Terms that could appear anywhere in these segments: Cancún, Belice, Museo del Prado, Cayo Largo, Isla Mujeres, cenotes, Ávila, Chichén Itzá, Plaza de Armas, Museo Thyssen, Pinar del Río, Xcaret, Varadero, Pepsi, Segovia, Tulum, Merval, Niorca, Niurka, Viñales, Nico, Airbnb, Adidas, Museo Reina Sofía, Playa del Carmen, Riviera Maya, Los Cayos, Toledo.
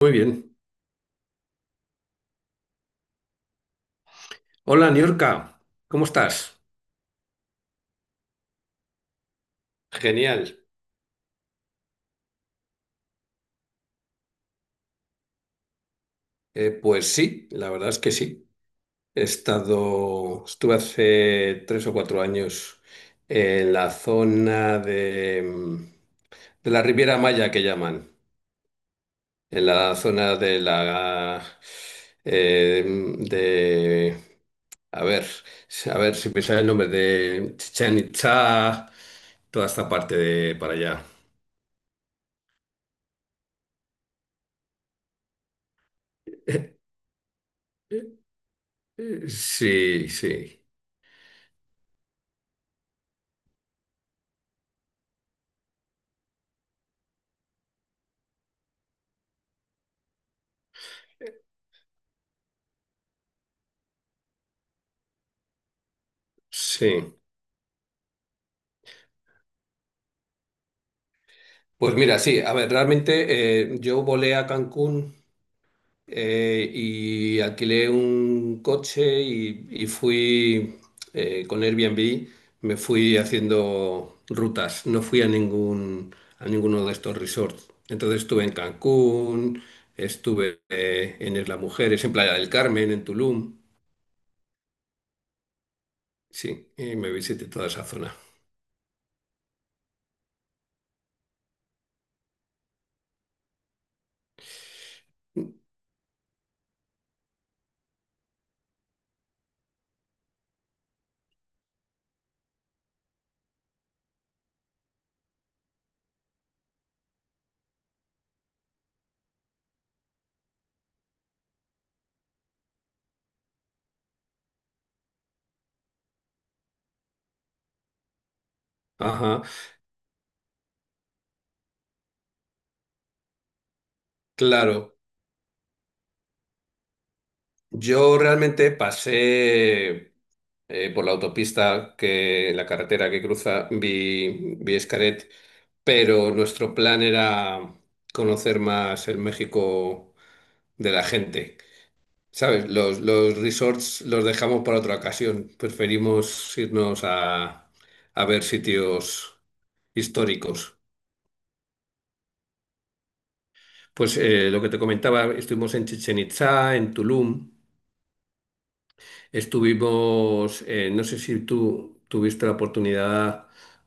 Muy bien. Hola, Niorca, ¿cómo estás? Genial. Pues sí, la verdad es que sí. Estuve hace 3 o 4 años en la zona de de la Riviera Maya que llaman, en la zona de la eh, de a ver, a ver si me sale el nombre de Chichén Itzá, toda esta parte de para allá. Sí, sí. Sí, pues mira, sí, a ver, realmente yo volé a Cancún, y alquilé un coche y fui con Airbnb, me fui haciendo rutas, no fui a ninguno de estos resorts. Entonces estuve en Cancún, estuve en Isla Mujeres, en Playa del Carmen, en Tulum, sí, y me visité toda esa zona. Ajá, claro, yo realmente pasé por la autopista que la carretera que cruza vi Xcaret, pero nuestro plan era conocer más el México de la gente. ¿Sabes? Los resorts los dejamos para otra ocasión. Preferimos irnos a ver sitios históricos. Pues lo que te comentaba, estuvimos en Chichen Itzá, en Tulum. Estuvimos, no sé si tú tuviste la oportunidad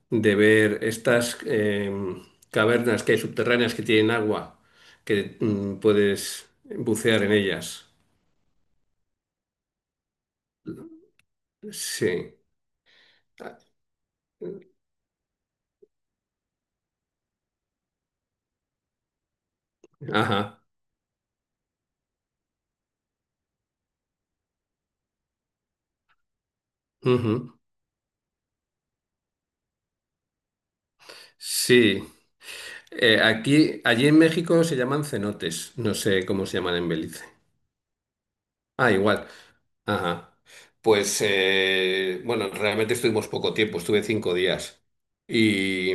de ver estas cavernas que hay subterráneas que tienen agua, que puedes bucear en ellas. Sí. Ajá. Ujú. Sí. Aquí, allí en México se llaman cenotes. No sé cómo se llaman en Belice. Ah, igual. Ajá. Pues, bueno, realmente estuvimos poco tiempo, estuve 5 días. Y,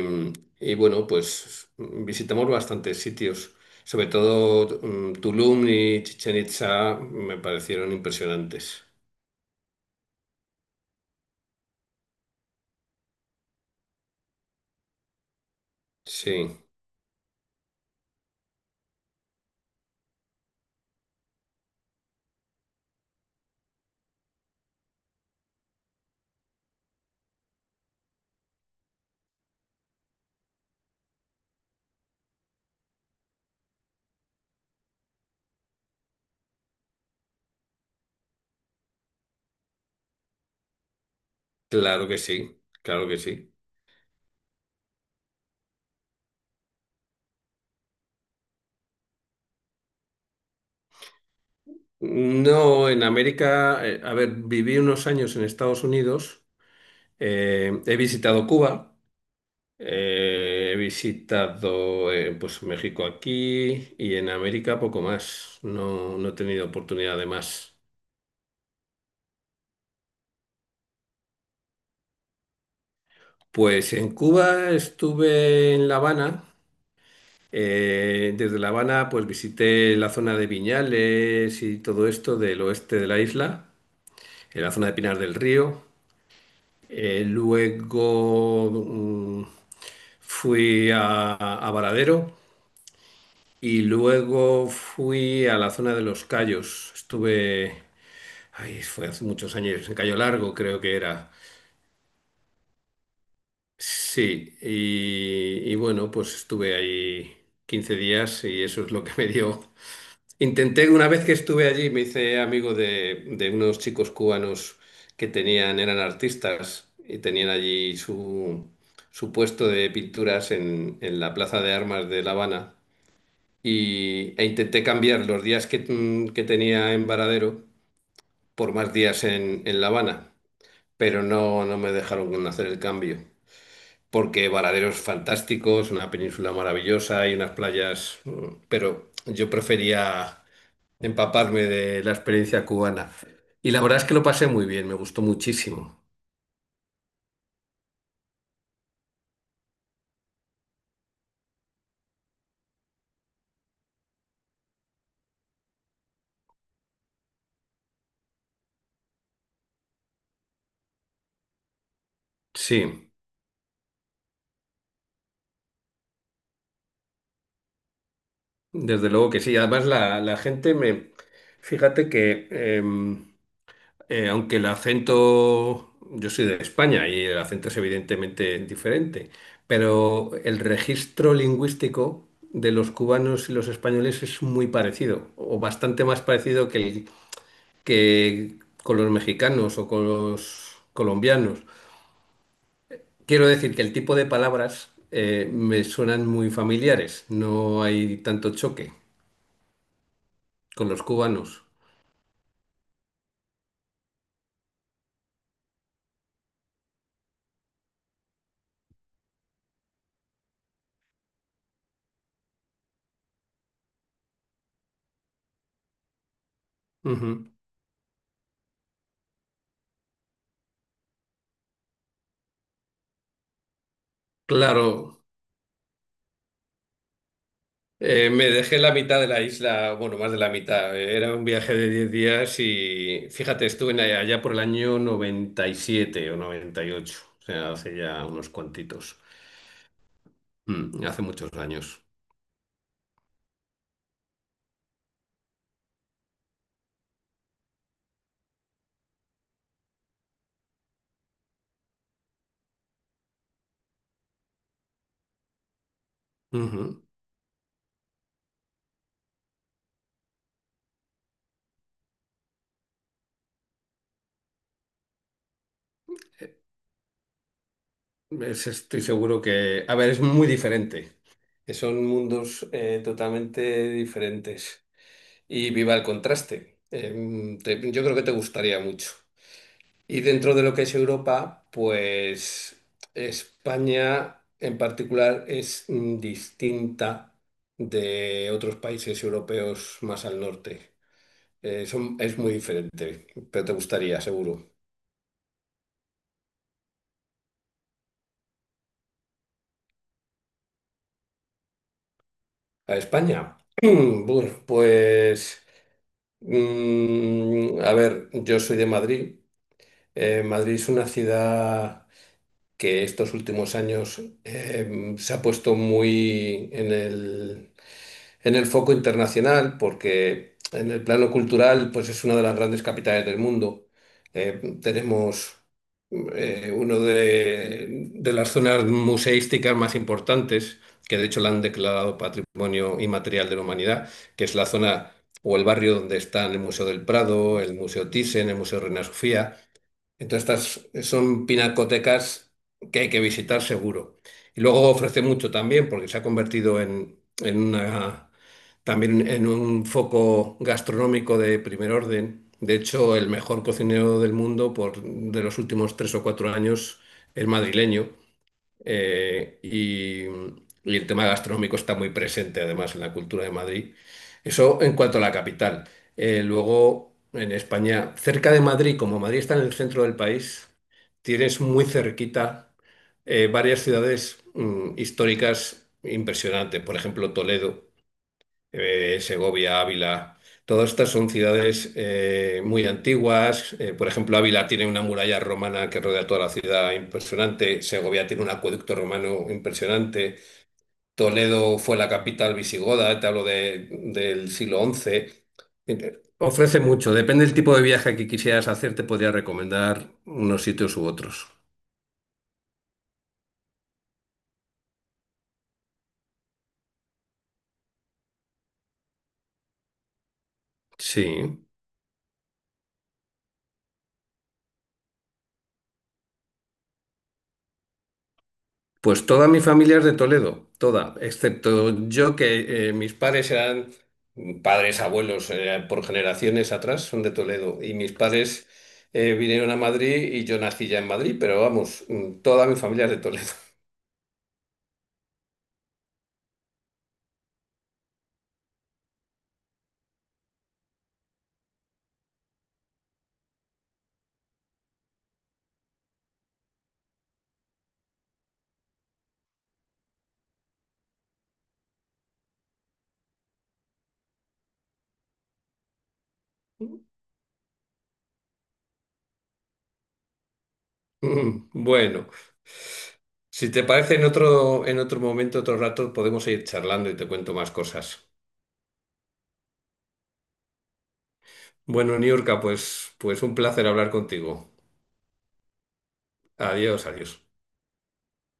y bueno, pues visitamos bastantes sitios, sobre todo Tulum y Chichen Itza me parecieron impresionantes. Sí, claro que sí, claro que sí. No, en América, a ver, viví unos años en Estados Unidos, he visitado Cuba. He visitado pues México aquí y en América poco más. No, no he tenido oportunidad de más. Pues en Cuba estuve en La Habana. Desde La Habana pues visité la zona de Viñales y todo esto del oeste de la isla, en la zona de Pinar del Río. Eh, luego fui a Varadero y luego fui a la zona de Los Cayos. Estuve, ay, fue hace muchos años, en Cayo Largo creo que era. Sí, y bueno, pues estuve ahí 15 días y eso es lo que me dio. Intenté, una vez que estuve allí, me hice amigo de unos chicos cubanos que tenían, eran artistas y tenían allí su, su puesto de pinturas en la Plaza de Armas de La Habana. Y, e intenté cambiar los que tenía en Varadero por más días en La Habana, pero no, no me dejaron hacer el cambio. Porque Varaderos fantásticos, una península maravillosa y unas playas, mm, pero yo prefería empaparme de la experiencia cubana. Y la verdad es que lo pasé muy bien, me gustó muchísimo. Sí, desde luego que sí. Además la gente me… Fíjate que… aunque el acento, yo soy de España y el acento es evidentemente diferente, pero el registro lingüístico de los cubanos y los españoles es muy parecido, o bastante más parecido que con los mexicanos o con los colombianos. Quiero decir que el tipo de palabras me suenan muy familiares, no hay tanto choque con los cubanos. Ujú. Claro. Me dejé la mitad de la isla, bueno, más de la mitad. Era un viaje de 10 días y fíjate, estuve en allá por el año 97 o noventa y ocho, o sea, hace ya unos cuantitos. Mm, hace muchos años. Ujú. Estoy seguro que, a ver, es muy diferente. Son mundos totalmente diferentes. Y viva el contraste. Yo creo que te gustaría mucho. Y dentro de lo que es Europa, pues España en particular es distinta de otros países europeos más al norte. Es muy diferente, pero te gustaría, seguro. ¿A España? Bueno, pues, a ver, yo soy de Madrid. Madrid es una ciudad que estos últimos años se ha puesto muy en el, en el foco internacional, porque en el plano cultural, pues es una de las grandes capitales del mundo. Tenemos de las zonas museísticas más importantes, que de hecho la han declarado Patrimonio Inmaterial de la Humanidad, que es la zona o el barrio donde están el Museo del Prado, el Museo Thyssen, el Museo Reina Sofía. Entonces, estas son pinacotecas que hay que visitar seguro. Y luego ofrece mucho también, porque se ha convertido también en un foco gastronómico de primer orden. De hecho, el mejor cocinero del mundo de los últimos 3 o 4 años es madrileño, eh, y, y el tema gastronómico está muy presente además en la cultura de Madrid. Eso en cuanto a la capital. Luego, en España, cerca de Madrid, como Madrid está en el centro del país, tienes muy cerquita varias ciudades históricas impresionantes. Por ejemplo, Toledo, Segovia, Ávila. Todas estas son ciudades muy antiguas. Por ejemplo, Ávila tiene una muralla romana que rodea toda la ciudad impresionante. Segovia tiene un acueducto romano impresionante. Toledo fue la capital visigoda, del siglo once. Ofrece mucho. Depende del tipo de viaje que quisieras hacer, te podría recomendar unos sitios u otros. Sí. Pues toda mi familia es de Toledo, toda, excepto yo que mis padres eran padres, abuelos, por generaciones atrás, son de Toledo. Y mis padres vinieron a Madrid y yo nací ya en Madrid, pero vamos, toda mi familia es de Toledo. Mm, bueno, si te parece en otro momento, otro rato, podemos seguir charlando y te cuento más cosas. Bueno, Niurka, pues, pues un placer hablar contigo. Adiós, adiós.